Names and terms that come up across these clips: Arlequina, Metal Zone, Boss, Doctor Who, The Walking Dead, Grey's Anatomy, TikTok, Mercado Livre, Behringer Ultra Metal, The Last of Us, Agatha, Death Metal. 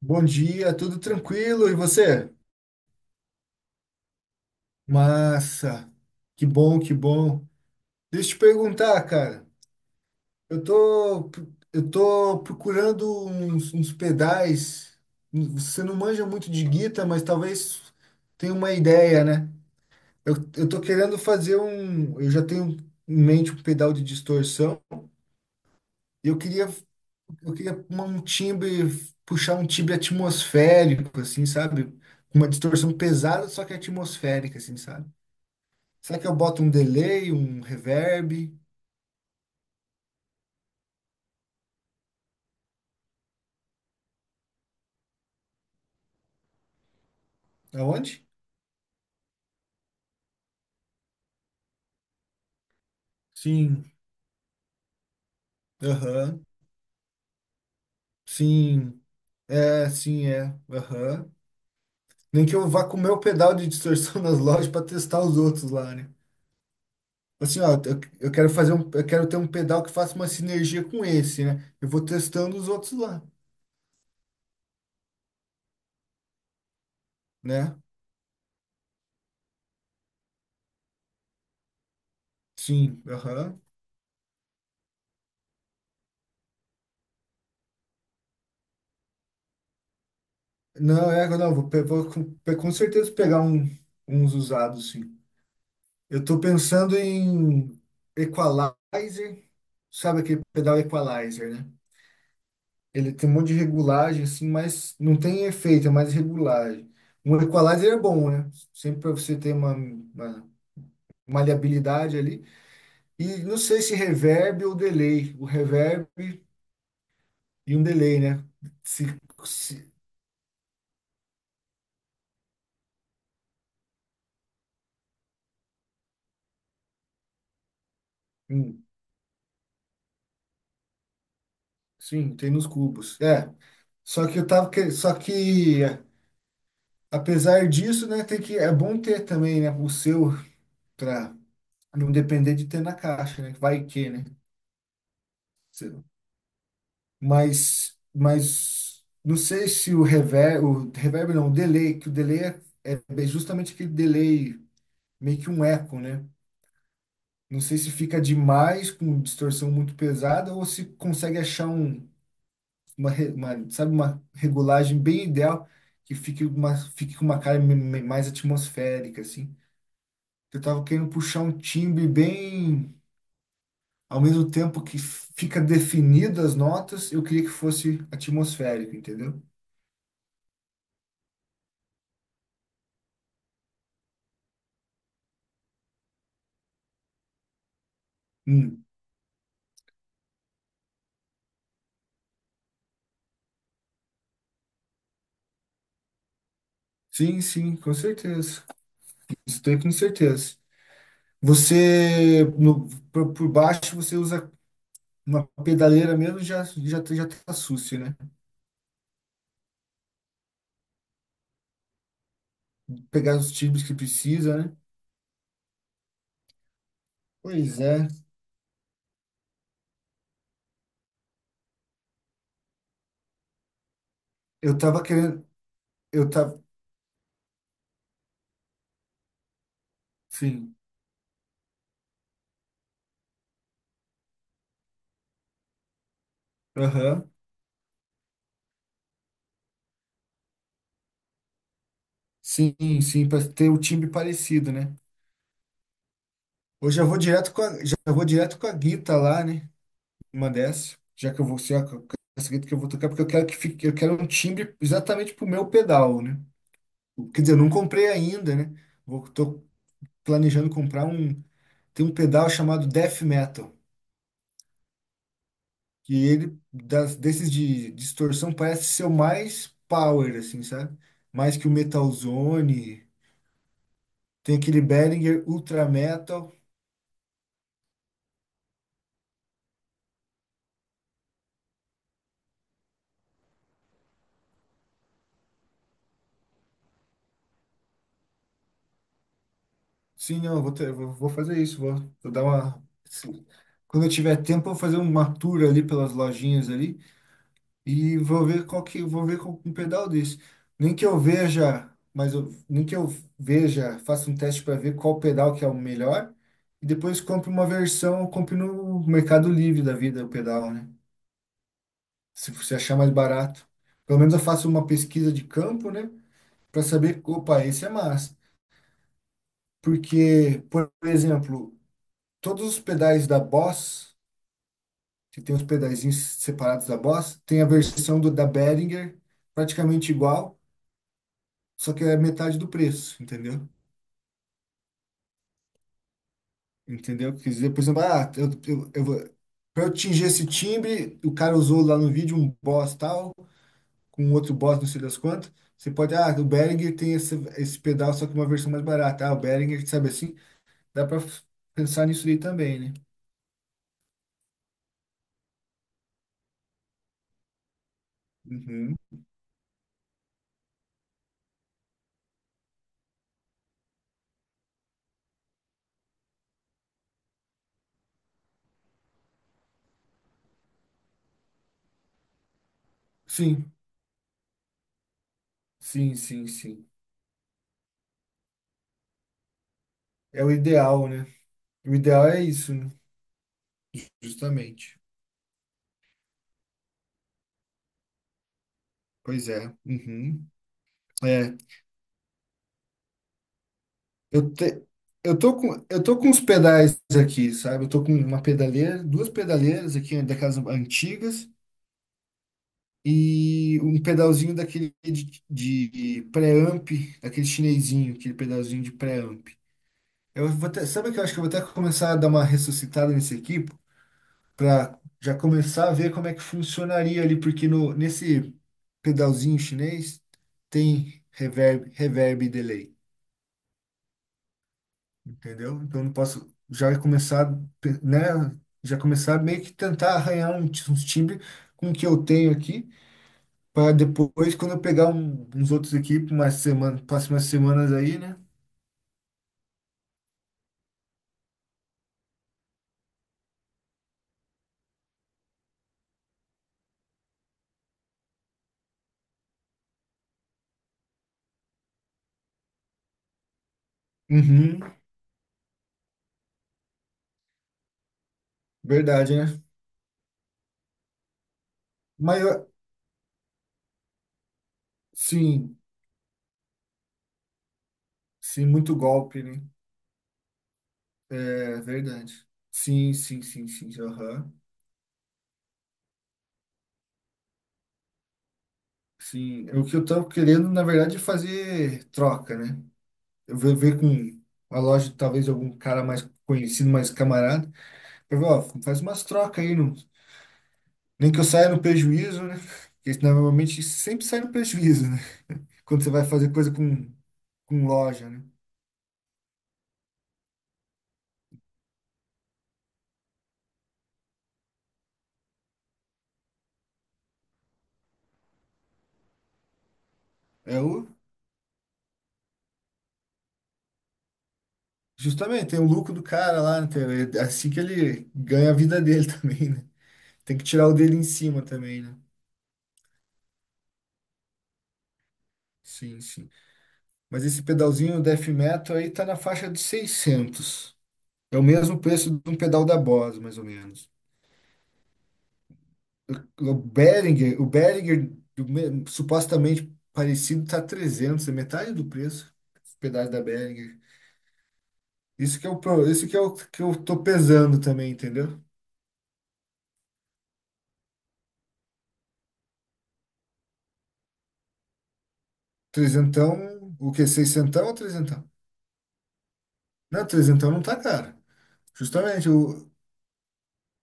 Bom dia, tudo tranquilo e você? Massa, que bom, que bom. Deixa eu te perguntar, cara. Eu tô, eu tô procurando uns pedais. Você não manja muito de guitarra, mas talvez tenha uma ideia, né? Eu tô querendo fazer um. Eu já tenho em mente um pedal de distorção. E eu queria um timbre, puxar um timbre atmosférico, assim, sabe? Uma distorção pesada, só que atmosférica, assim, sabe? Será que eu boto um delay, um reverb? Aonde? Sim, aham. Sim. É, sim, é. Aham. Nem que eu vá com o meu pedal de distorção nas lojas para testar os outros lá, né? Assim, ó, eu quero ter um pedal que faça uma sinergia com esse, né? Eu vou testando os outros lá, né? Sim, aham. Não, é, não, vou com com certeza pegar uns usados, sim. Eu estou pensando em equalizer, sabe aquele pedal equalizer, né? Ele tem um monte de regulagem, assim, mas não tem efeito, é mais regulagem. Um equalizer é bom, né? Sempre para você ter uma maleabilidade ali. E não sei se reverb ou delay. O reverb e um delay, né? Se, se, hum, sim, tem nos cubos. É. Só que eu tava. Que- Só que, é, apesar disso, né, tem que, é bom ter também, né, o seu. Não depender de ter na caixa, né? Vai que, né? Sei lá. Mas não sei se o reverb, o reverb não, o delay, que o delay é justamente aquele delay, meio que um eco, né? Não sei se fica demais com distorção muito pesada ou se consegue achar uma, sabe, uma regulagem bem ideal que fique com uma cara mais atmosférica, assim. Eu tava querendo puxar um timbre bem ao mesmo tempo que fica definidas as notas, eu queria que fosse atmosférico, entendeu? Hum. Sim, sim, com certeza. Isso tem com certeza. Você, no, por baixo, você usa uma pedaleira mesmo, já tá sucio, né? Pegar os timbres que precisa, né? Pois é. Eu tava querendo, eu tava, sim, aham. Sim, sim, para ter o timbre parecido, né? Hoje eu já vou direto com a guita lá, né? Uma dessa, já que eu vou ser a casqueta que eu vou tocar, porque eu quero um timbre exatamente pro meu pedal, né? Quer dizer, eu não comprei ainda, né? Tô planejando comprar um, tem um pedal chamado Death Metal, que ele das desses de distorção parece ser o mais power assim, sabe? Mais que o Metal Zone, tem aquele Behringer Ultra Metal. Sim, não, eu vou fazer isso, vou dar uma assim, quando eu tiver tempo, eu vou fazer uma tour ali pelas lojinhas ali e vou ver qual que vou ver com um pedal desse. Nem que eu veja, mas eu, nem que eu veja, faça um teste para ver qual pedal que é o melhor e depois compre no Mercado Livre da vida o pedal, né? Se você achar mais barato. Pelo menos eu faço uma pesquisa de campo, né, para saber, opa, esse é massa. Porque, por exemplo, todos os pedais da Boss, que tem os pedazinhos separados da Boss, tem a versão da Behringer praticamente igual só que é metade do preço, entendeu? Entendeu? Quer dizer, por exemplo, ah, eu, eu vou, pra eu atingir esse timbre, o cara usou lá no vídeo um Boss tal, com um outro Boss não sei das quantas. Você pode, ah, o Behringer tem esse pedal, só que uma versão mais barata. Ah, o Behringer, sabe assim? Dá pra pensar nisso aí também, né? Uhum. Sim, sim, sim, sim. É o ideal, né? O ideal é isso, né? Justamente. Pois é. Uhum. É. Eu, te, eu tô com os pedais aqui, sabe? Eu tô com uma pedaleira, duas pedaleiras aqui, né, daquelas antigas, e um pedalzinho daquele de pré-amp, daquele chinesinho, aquele pedalzinho de pré-amp. Sabe o que eu acho que eu vou até começar a dar uma ressuscitada nesse aqui, pra já começar a ver como é que funcionaria ali, porque no, nesse pedalzinho chinês tem reverb e delay. Entendeu? Então eu não posso já começar, né? Já começar meio que tentar arranhar uns times com o que eu tenho aqui, para depois, quando eu pegar uns outros aqui, para umas semanas, próximas semanas aí, né? Uhum, verdade, né? Mas eu- sim, sim, muito golpe, né? É verdade. Sim, sim, sim, sim, aham. Sim, é o que eu tava querendo, na verdade, é fazer troca, né? Eu vou ver com a loja, talvez algum cara mais conhecido, mais camarada. Ó, faz umas trocas aí, não, nem que eu saia no prejuízo, né? Porque isso, normalmente sempre sai no prejuízo, né? Quando você vai fazer coisa com loja, né? É o, justamente, tem o lucro do cara lá, né? É assim que ele ganha a vida dele também, né? Tem que tirar o dele em cima também, né? Sim, sim. Mas esse pedalzinho Death Metal aí tá na faixa de 600. É o mesmo preço de um pedal da Boss, mais ou menos. O Behringer supostamente parecido tá 300 é metade do preço. Esse pedaço da Behringer. Isso que é o pro- isso que é o que eu tô pesando também, entendeu? Trezentão, o que seiscentão ou trezentão? Não, trezentão não tá caro. Justamente o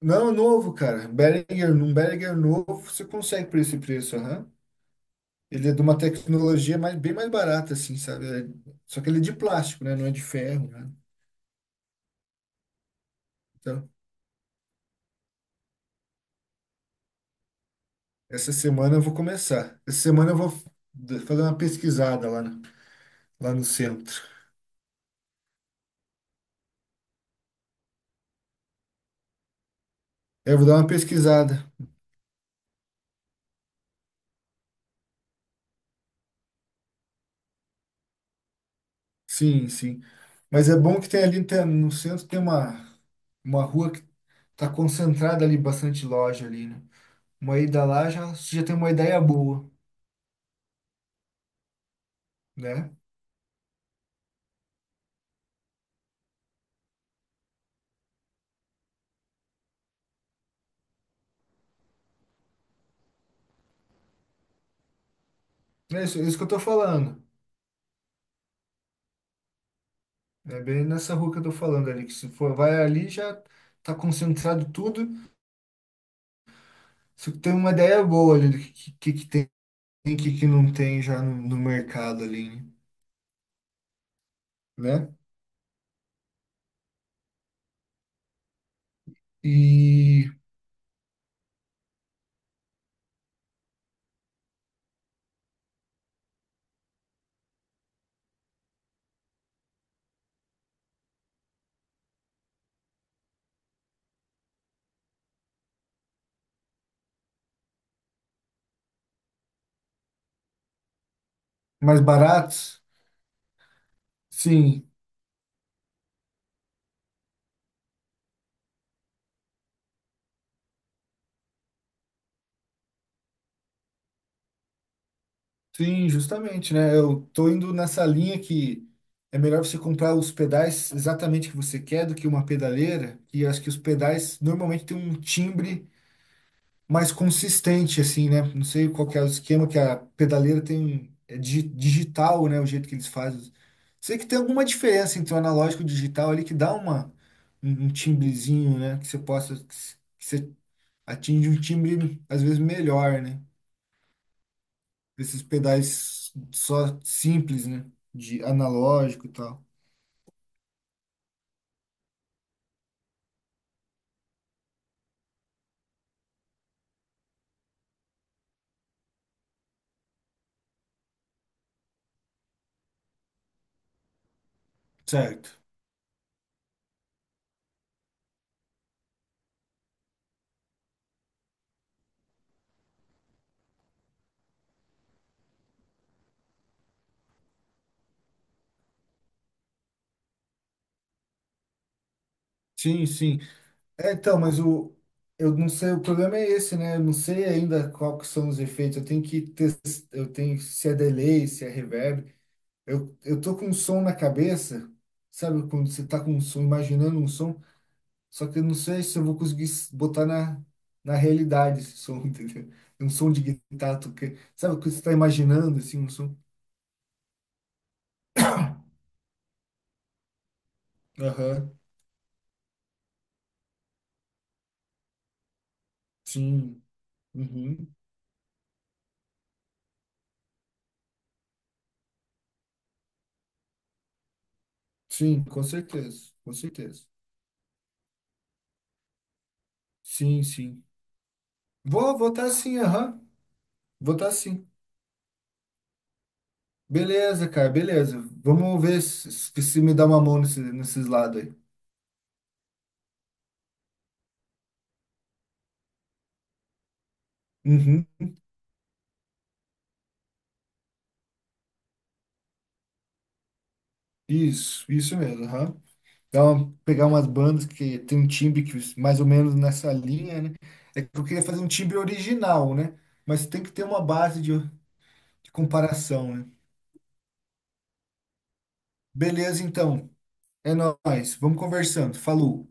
não, novo, cara. Behringer, num Behringer novo, você consegue por esse preço, aham. Ele é de uma tecnologia mais, bem mais barata, assim, sabe? Só que ele é de plástico, né? Não é de ferro, né? Então, essa semana eu vou começar. Essa semana eu vou fazer uma pesquisada lá, lá no centro. É, eu vou dar uma pesquisada. Sim, sim. Mas é bom que no centro tem uma rua que tá concentrada ali, bastante loja ali, né? Uma ida lá já, já tem uma ideia boa, né? É isso que eu tô falando. É bem nessa rua que eu tô falando ali, que se for, vai ali já tá concentrado tudo. Você tem uma ideia boa ali do que, que tem e o que, que não tem já no mercado ali, né? Né? E mais baratos? Sim, sim, justamente, né? Eu tô indo nessa linha que é melhor você comprar os pedais exatamente que você quer do que uma pedaleira, e acho que os pedais normalmente têm um timbre mais consistente, assim, né? Não sei qual que é o esquema que a pedaleira tem, é digital, né? O jeito que eles fazem. Sei que tem alguma diferença entre o analógico e o digital ali que dá uma, um um timbrezinho, né? Que atinge um timbre às vezes melhor, né? Esses pedais só simples, né? De analógico e tal. Certo. Sim, sim. É, então, mas o eu não sei, o problema é esse, né? Eu não sei ainda qual que são os efeitos. Eu tenho se é delay, se é reverb. Eu tô com um som na cabeça, sabe? Quando você tá com um som, imaginando um som, só que eu não sei se eu vou conseguir botar na realidade esse som, entendeu? É um som de guitarra, sabe o que você está imaginando, assim, um som? Aham, sim, uhum, sim, com certeza, com certeza. Sim, sim. Vou votar sim, aham, votar sim. Beleza, cara, beleza. Vamos ver se me dá uma mão nesses lados aí. Uhum, isso mesmo, aham. Pegar umas bandas que tem um timbre que mais ou menos nessa linha, né? É que eu queria fazer um timbre original, né? Mas tem que ter uma base de comparação, né? Beleza, então. É nóis. Vamos conversando. Falou.